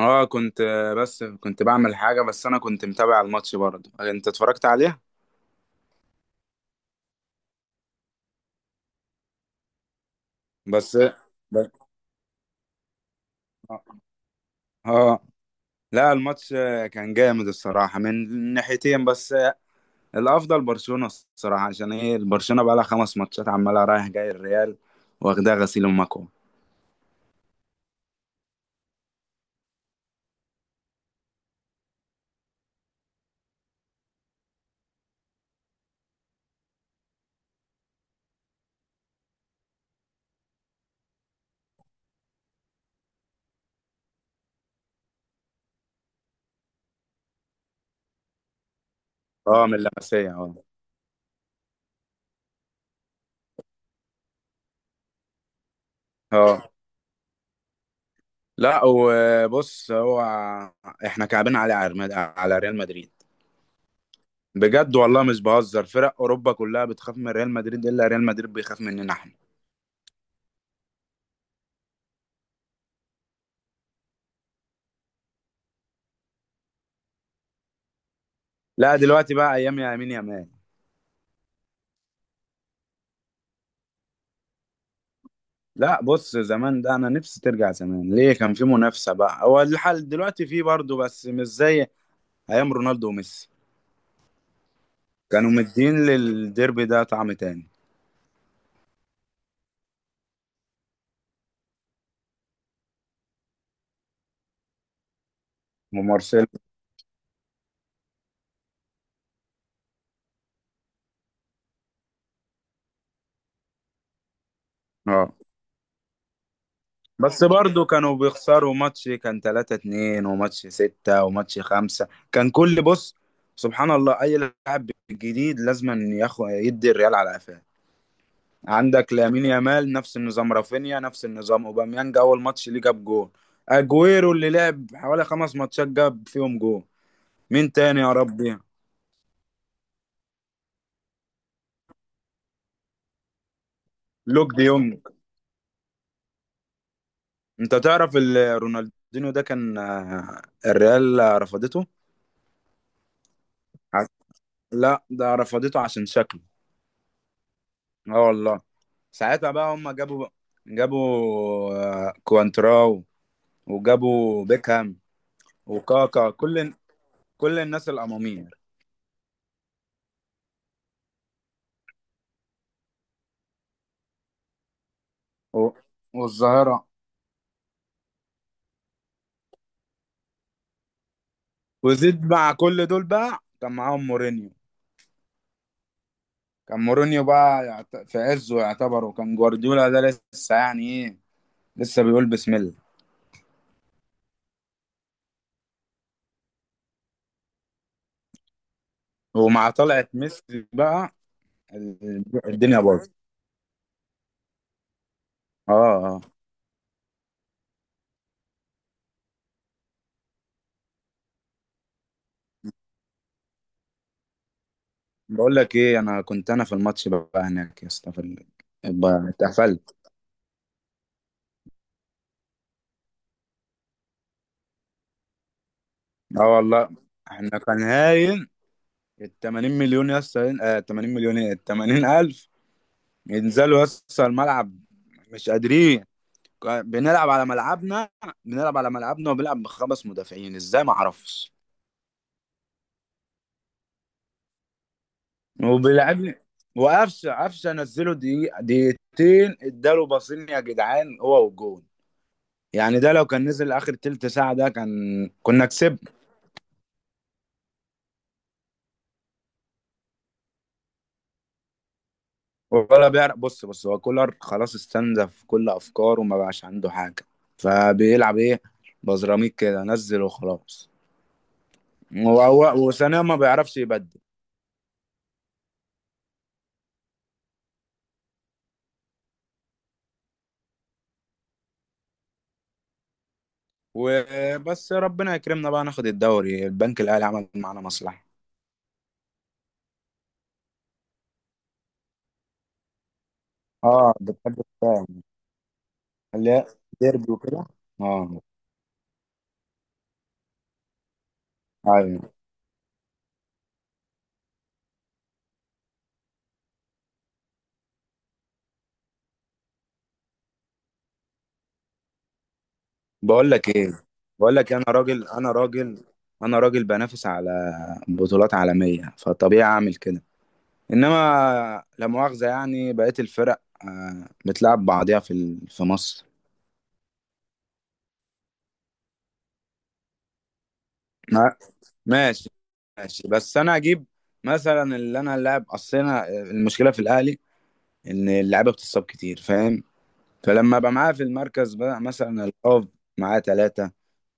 اه كنت بس كنت بعمل حاجة. بس انا كنت متابع الماتش برضه. انت اتفرجت عليها؟ بس بس- اه آه، لا الماتش كان جامد الصراحة من ناحيتين، بس الافضل برشلونة الصراحة. عشان ايه؟ برشلونة بقى لها 5 ماتشات عمالة رايح جاي الريال، واخدها غسيل ومكوى. اه، من اللمسية، اه. اه، لا وبص هو احنا كعبين على على ريال مدريد، بجد والله مش بهزر. فرق اوروبا كلها بتخاف من ريال مدريد، الا ريال مدريد بيخاف مننا احنا. لا دلوقتي بقى ايام يا امين يا مان. لا بص، زمان ده انا نفسي ترجع. زمان ليه كان في منافسه، بقى هو الحال دلوقتي في برضه بس مش زي ايام رونالدو وميسي، كانوا مدين، للديربي ده طعم تاني. ومارسيلو. اه بس برضه كانوا بيخسروا ماتش كان 3-2، وماتش 6، وماتش 5. كان كل، بص سبحان الله، اي لاعب جديد لازم ياخد يدي الريال على قفاه. عندك لامين يامال نفس النظام، رافينيا نفس النظام، اوباميانج اول ماتش ليه جاب جول، اجويرو اللي لعب حوالي 5 ماتشات جاب فيهم جول. مين تاني يا ربي؟ لوك دي يونج. انت تعرف رونالدينيو ده كان، الريال رفضته. ع- لا، ده رفضته عشان شكله. اه والله. ساعتها بقى هم جابوا كوانتراو، وجابوا بيكهام، وكاكا، كل الناس الأمامير، و- والظاهرة. وزيد مع كل دول بقى كان معاهم مورينيو. كان مورينيو بقى في عزه يعتبر، وكان جوارديولا ده لسه يعني ايه، لسه بيقول بسم الله. ومع طلعة ميسي بقى الدنيا باظت. اه، اه. بقول لك ايه، انا كنت، انا في الماتش بقى هناك يا اسطى بقى اتقفلت. اه والله. احنا كان هاين ال 80 مليون يا اسطى، 80 مليون، ايه ال 80 الف ينزلوا يا اسطى الملعب، مش قادرين. بنلعب على ملعبنا. بنلعب على ملعبنا وبنلعب بخمس مدافعين، ازاي ما اعرفش. وبيلعبني وقفشه، قفشه نزله دقيقه دقيقتين اداله باصين يا جدعان هو والجون. يعني ده لو كان نزل اخر تلت ساعه ده كان، كنا كسبنا. ولا بيعرف. بص، بص، هو كولر خلاص استنزف كل افكاره وما بقاش عنده حاجه، فبيلعب ايه؟ بزراميك كده نزل وخلاص. وثانيا ما بيعرفش يبدل. وبس ربنا يكرمنا بقى ناخد الدوري، البنك الاهلي عمل معانا مصلحه. اه، بتحب الكلام اللي هي ديربي وكده. اه. ايوه. بقول لك ايه، بقول لك إيه، انا راجل، انا راجل، انا راجل بنافس على بطولات عالميه، فطبيعي اعمل كده. انما لا مؤاخذه يعني بقيت الفرق بتلعب بعضيها في مصر. ما- ماشي، ماشي، بس انا اجيب مثلا، اللي انا اللاعب، اصل انا المشكله في الاهلي ان اللعيبه بتصاب كتير، فاهم؟ فلما ابقى معاه في المركز بقى، مثلا الهاف معاه ثلاثة،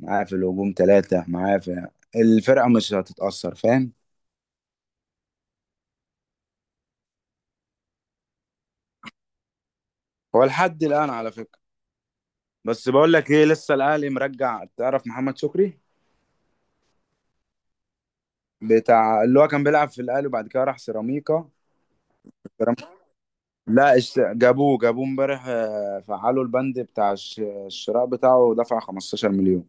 معاه في الهجوم ثلاثة، معاه في الفرقة، مش هتتأثر، فاهم؟ هو لحد الآن على فكرة. بس بقول لك ايه، لسه الأهلي مرجع. تعرف محمد شكري بتاع، اللي هو كان بيلعب في الأهلي وبعد كده راح سيراميكا. سيراميكا- لا جابوه، جابوه امبارح، فعلوا البند بتاع الشراء بتاعه، ودفع 15 مليون.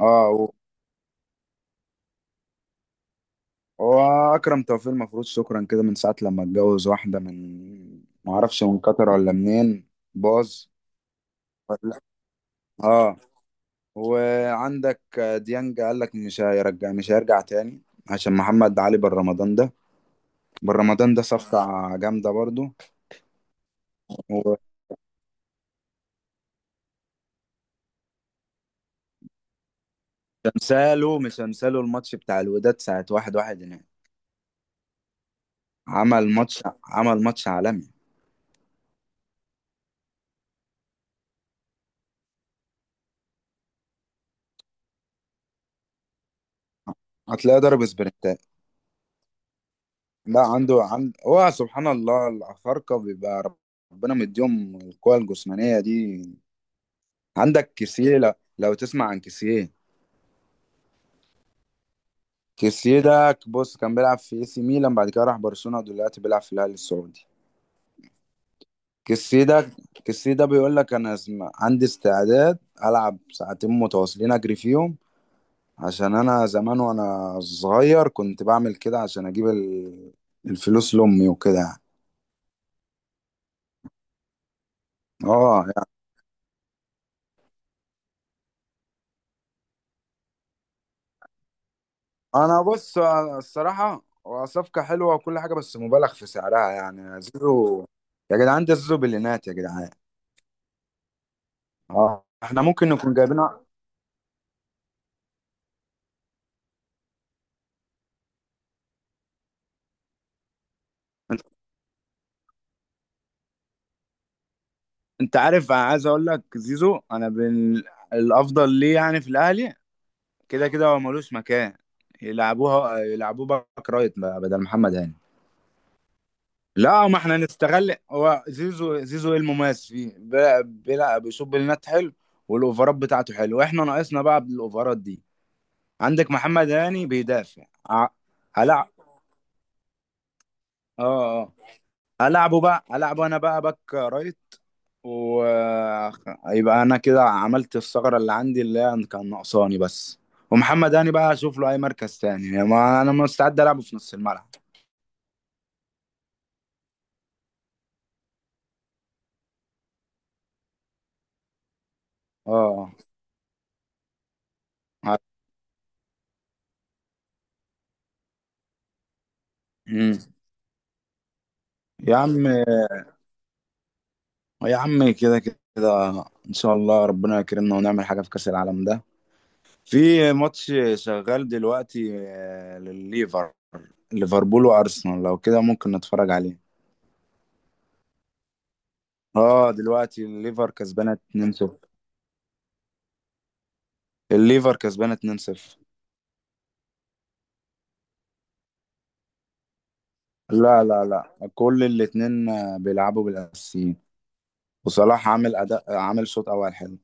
اه. واكرم توفيق المفروض شكرا كده من ساعه لما اتجوز واحده من، ما اعرفش من قطر ولا منين، باظ. ولا- اه. وعندك ديانج قال لك مش هيرجع، مش هيرجع تاني، عشان محمد علي بالرمضان ده. بالرمضان ده صفقة جامدة برضو. وتمثاله مش هنساله، الماتش بتاع الوداد ساعة 1-1 هناك، عمل ماتش عمل ماتش عالمي. هتلاقيه ضرب سبرنتات. لا عنده، عند هو سبحان الله الأفارقة بيبقى ربنا مديهم القوة الجسمانية دي. عندك كيسيه، لو تسمع عن كيسيه. كيسيه ده بص كان بيلعب في اي سي ميلان، بعد كده راح برشلونة، دلوقتي بيلعب في الهلال السعودي. كيسيه ده كيسيه ده بيقول لك انا عندي استعداد العب ساعتين متواصلين اجري فيهم. عشان انا زمان وانا صغير كنت بعمل كده عشان اجيب الفلوس لامي وكده يعني. اه. انا بص، أنا الصراحه هو صفقه حلوه وكل حاجه، بس مبالغ في سعرها يعني زيرو. يا جدعان ده زيرو بليونات يا جدعان. اه احنا ممكن نكون جايبينها. انت عارف، أنا عايز اقول لك زيزو انا الافضل ليه يعني في الاهلي. كده كده هو ملوش مكان. يلعبوه باك رايت بقى بدل محمد هاني. لا ما احنا نستغل هو زيزو. زيزو ايه المميز فيه؟ بيلعب، بيشوط بلينات حلو، والاوفرات بتاعته حلوه. احنا ناقصنا بقى بالاوفرات دي. عندك محمد هاني بيدافع. ع- هلعب. اه، اه. هلعبه انا بقى باك رايت، ويبقى انا كده عملت الثغرة اللي عندي اللي هي كان ناقصاني بس. ومحمد هاني بقى اشوف له اي مركز تاني، يعني ما انا مستعد العبه في نص الملعب. اه. ع- مم. يا عم، يا عم كده كده ان شاء الله ربنا يكرمنا ونعمل حاجة في كأس العالم ده. في ماتش شغال دلوقتي للليفر، ليفربول وارسنال، لو كده ممكن نتفرج عليه. اه دلوقتي الليفر كسبانه 2-0. الليفر كسبانه 2-0. لا، لا، لا، كل الاتنين بيلعبوا بالاساسيين. وصلاح عامل اداء، عامل شوط اول حلو.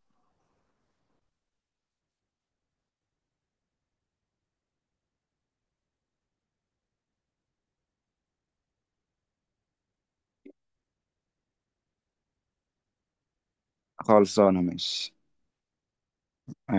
خلصانه، ماشي.